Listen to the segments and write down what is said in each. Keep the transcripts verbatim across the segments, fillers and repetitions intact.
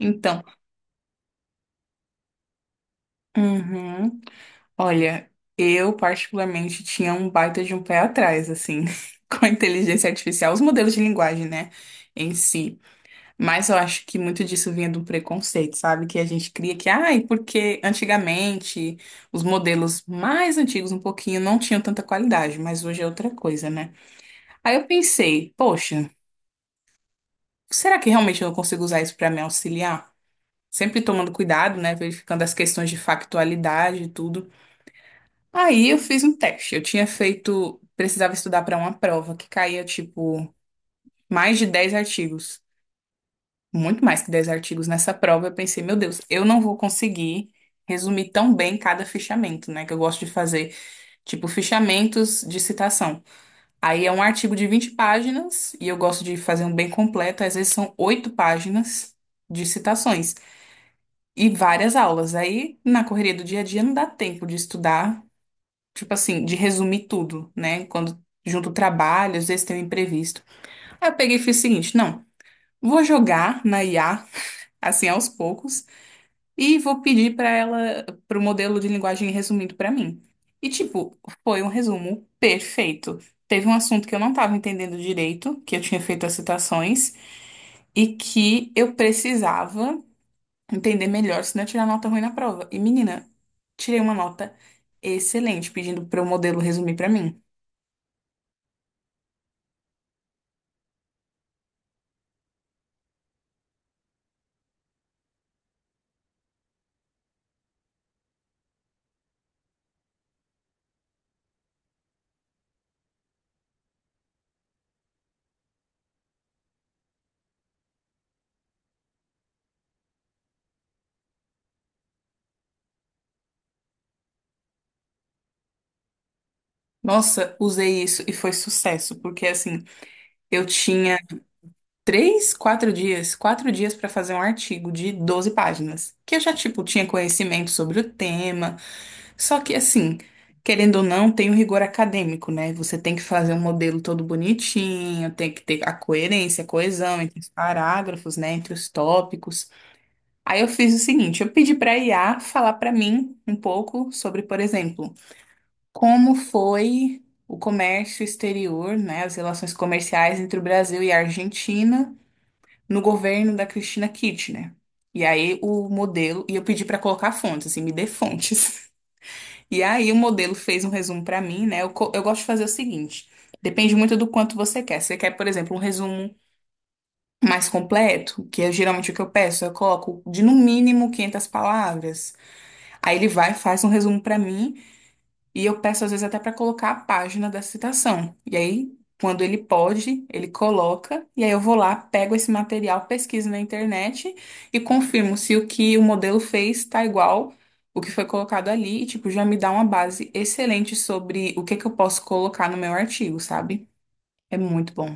Então, uhum. Olha, eu particularmente tinha um baita de um pé atrás, assim, com a inteligência artificial, os modelos de linguagem, né, em si. Mas eu acho que muito disso vinha do preconceito, sabe? Que a gente cria que, ai, porque antigamente os modelos mais antigos um pouquinho não tinham tanta qualidade, mas hoje é outra coisa, né? Aí eu pensei, poxa, será que realmente eu não consigo usar isso para me auxiliar? Sempre tomando cuidado, né? Verificando as questões de factualidade e tudo. Aí eu fiz um teste. Eu tinha feito, precisava estudar para uma prova que caía tipo mais de dez artigos, muito mais que dez artigos nessa prova. Eu pensei, meu Deus, eu não vou conseguir resumir tão bem cada fichamento, né? Que eu gosto de fazer, tipo, fichamentos de citação. Aí é um artigo de vinte páginas e eu gosto de fazer um bem completo, às vezes são oito páginas de citações e várias aulas. Aí na correria do dia a dia não dá tempo de estudar tipo assim, de resumir tudo, né? Quando junto o trabalho, às vezes tem um imprevisto. Aí eu peguei e fiz o seguinte, não, vou jogar na I A, assim, aos poucos, e vou pedir para ela, pro modelo de linguagem resumido para mim. E, tipo, foi um resumo perfeito. Teve um assunto que eu não estava entendendo direito, que eu tinha feito as citações, e que eu precisava entender melhor, senão eu tirar nota ruim na prova. E, menina, tirei uma nota excelente, pedindo para o modelo resumir para mim. Nossa, usei isso e foi sucesso, porque assim, eu tinha três, quatro dias, quatro dias para fazer um artigo de doze páginas, que eu já, tipo, tinha conhecimento sobre o tema, só que assim, querendo ou não, tem o rigor acadêmico, né? Você tem que fazer um modelo todo bonitinho, tem que ter a coerência, a coesão entre os parágrafos, né, entre os tópicos. Aí eu fiz o seguinte, eu pedi para a I A falar para mim um pouco sobre, por exemplo, como foi o comércio exterior, né, as relações comerciais entre o Brasil e a Argentina no governo da Cristina Kirchner? E aí o modelo, e eu pedi para colocar fontes, assim, me dê fontes. E aí o modelo fez um resumo para mim, né? Eu, co- eu gosto de fazer o seguinte, depende muito do quanto você quer. Você quer, por exemplo, um resumo mais completo, que é geralmente o que eu peço, eu coloco de no mínimo quinhentas palavras. Aí ele vai, faz um resumo para mim. E eu peço às vezes até para colocar a página da citação. E aí, quando ele pode, ele coloca, e aí eu vou lá, pego esse material, pesquiso na internet e confirmo se o que o modelo fez está igual o que foi colocado ali, e tipo, já me dá uma base excelente sobre o que que eu posso colocar no meu artigo, sabe? É muito bom.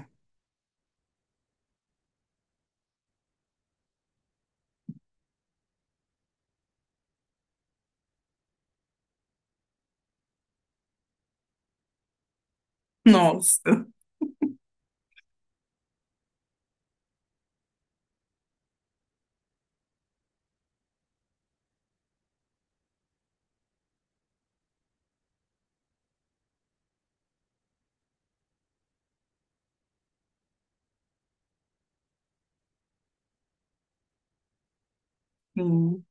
Nossa. Hum.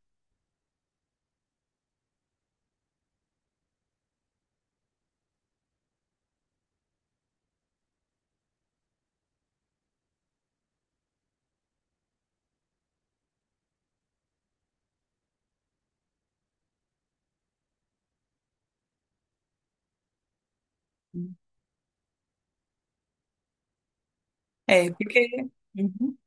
É, porque. Uhum.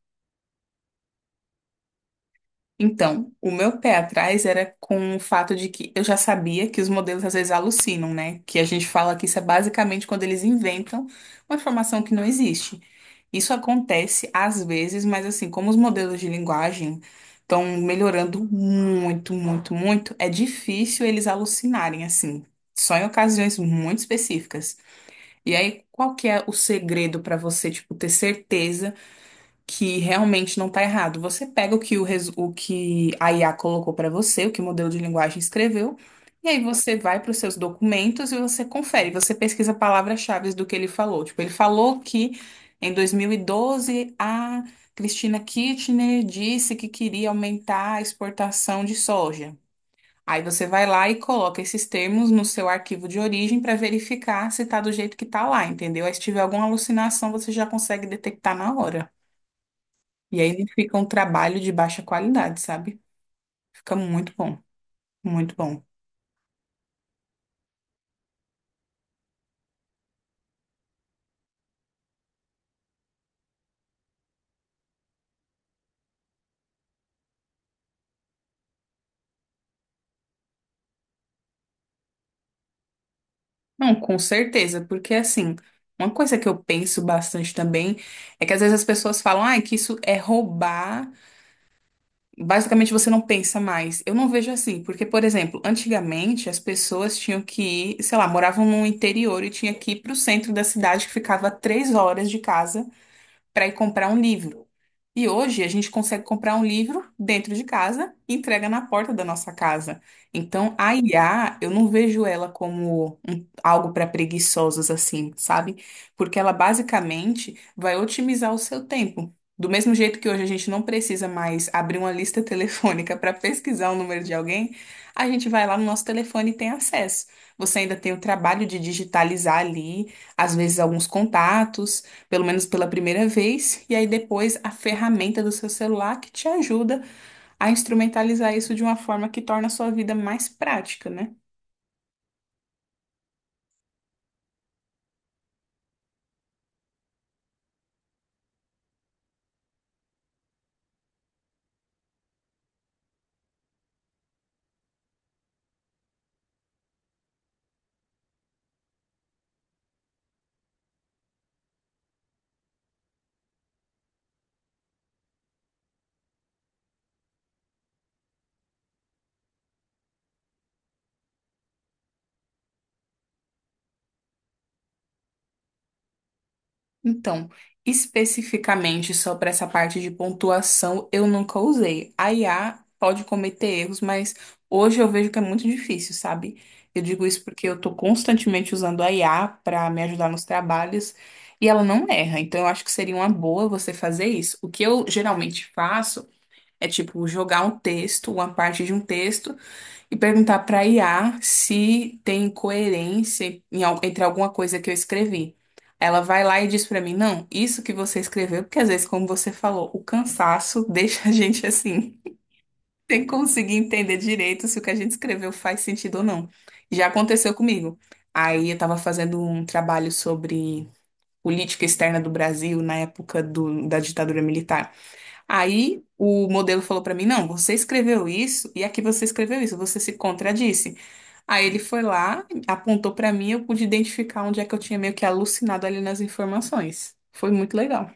Então, o meu pé atrás era com o fato de que eu já sabia que os modelos às vezes alucinam, né? Que a gente fala que isso é basicamente quando eles inventam uma informação que não existe. Isso acontece às vezes, mas assim, como os modelos de linguagem estão melhorando muito, muito, muito, é difícil eles alucinarem assim, só em ocasiões muito específicas. E aí, qual que é o segredo para você, tipo, ter certeza? Que realmente não tá errado. Você pega o que o, resu- o que a I A colocou para você, o que o modelo de linguagem escreveu, e aí você vai para os seus documentos e você confere, você pesquisa palavras-chave do que ele falou. Tipo, ele falou que em dois mil e doze a Cristina Kirchner disse que queria aumentar a exportação de soja. Aí você vai lá e coloca esses termos no seu arquivo de origem para verificar se tá do jeito que tá lá, entendeu? Aí se tiver alguma alucinação, você já consegue detectar na hora. E aí não fica um trabalho de baixa qualidade, sabe? Fica muito bom, muito bom. Não, com certeza, porque assim, uma coisa que eu penso bastante também é que às vezes as pessoas falam, ah, que isso é roubar. Basicamente você não pensa mais. Eu não vejo assim, porque, por exemplo, antigamente as pessoas tinham que ir, sei lá, moravam no interior e tinha que ir pro centro da cidade que ficava a três horas de casa para ir comprar um livro. E hoje a gente consegue comprar um livro dentro de casa e entrega na porta da nossa casa. Então, a I A, eu não vejo ela como um- algo para preguiçosos assim, sabe? Porque ela basicamente vai otimizar o seu tempo. Do mesmo jeito que hoje a gente não precisa mais abrir uma lista telefônica para pesquisar o número de alguém, a gente vai lá no nosso telefone e tem acesso. Você ainda tem o trabalho de digitalizar ali, às vezes, alguns contatos pelo menos pela primeira vez, e aí depois a ferramenta do seu celular que te ajuda a instrumentalizar isso de uma forma que torna a sua vida mais prática, né? Então, especificamente só para essa parte de pontuação, eu nunca usei. A I A pode cometer erros, mas hoje eu vejo que é muito difícil, sabe? Eu digo isso porque eu estou constantemente usando a I A para me ajudar nos trabalhos e ela não erra. Então, eu acho que seria uma boa você fazer isso. O que eu geralmente faço é tipo jogar um texto, uma parte de um texto, e perguntar para I A se tem coerência em al- entre alguma coisa que eu escrevi. Ela vai lá e diz para mim, não, isso que você escreveu, porque às vezes, como você falou, o cansaço deixa a gente assim, sem conseguir entender direito se o que a gente escreveu faz sentido ou não. Já aconteceu comigo. Aí eu estava fazendo um trabalho sobre política externa do Brasil na época do- da ditadura militar. Aí o modelo falou pra mim: não, você escreveu isso e aqui você escreveu isso, você se contradisse. Aí ele foi lá, apontou pra mim, eu pude identificar onde é que eu tinha meio que alucinado ali nas informações. Foi muito legal.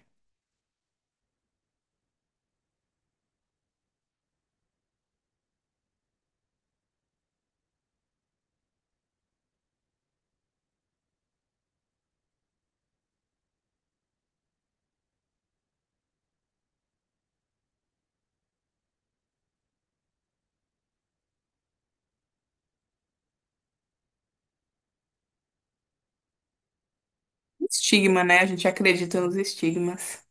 Estigma, né? A gente acredita nos estigmas.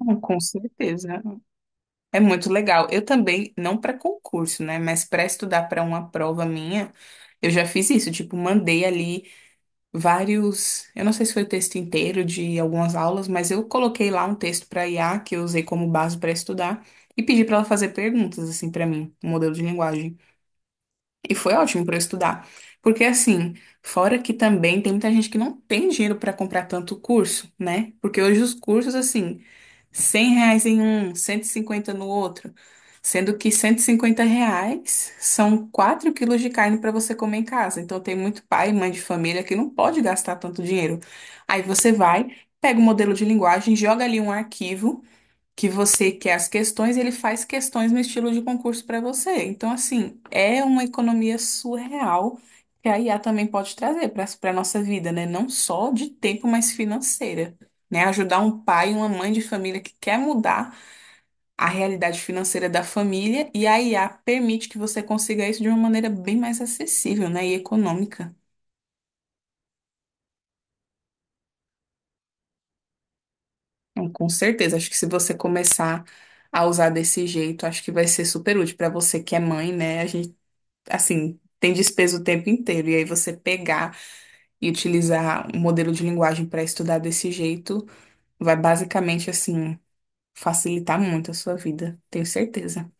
Hum, Com certeza. É muito legal. Eu também, não para concurso, né? Mas para estudar para uma prova minha, eu já fiz isso. Tipo, mandei ali. Vários, eu não sei se foi o texto inteiro de algumas aulas, mas eu coloquei lá um texto para I A que eu usei como base para estudar e pedi para ela fazer perguntas assim para mim, um modelo de linguagem. E foi ótimo para eu estudar, porque assim, fora que também tem muita gente que não tem dinheiro para comprar tanto curso, né? Porque hoje os cursos assim cem reais em um, cento e cinquenta no outro. Sendo que cento e cinquenta reais são quatro quilos de carne para você comer em casa. Então tem muito pai e mãe de família que não pode gastar tanto dinheiro. Aí você vai, pega o modelo de linguagem, joga ali um arquivo que você quer as questões, ele faz questões no estilo de concurso para você. Então, assim, é uma economia surreal que a I A também pode trazer para para nossa vida, né? Não só de tempo, mas financeira. Né, ajudar um pai e uma mãe de família que quer mudar a realidade financeira da família e a I A permite que você consiga isso de uma maneira bem mais acessível, né, e econômica. Então, com certeza, acho que se você começar a usar desse jeito, acho que vai ser super útil para você que é mãe, né? A gente assim, tem despesa o tempo inteiro. E aí você pegar e utilizar um modelo de linguagem para estudar desse jeito vai basicamente, assim, facilitar muito a sua vida, tenho certeza.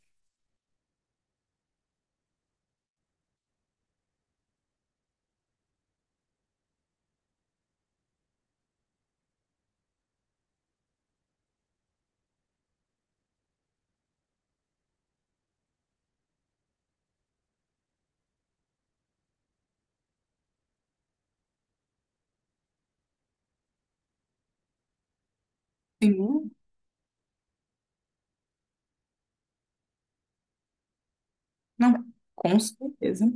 Sim, não, com certeza.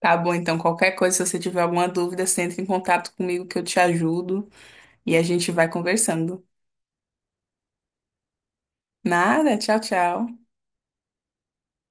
Tá bom, então qualquer coisa, se você tiver alguma dúvida, você entra em contato comigo que eu te ajudo e a gente vai conversando. Nada, tchau, tchau.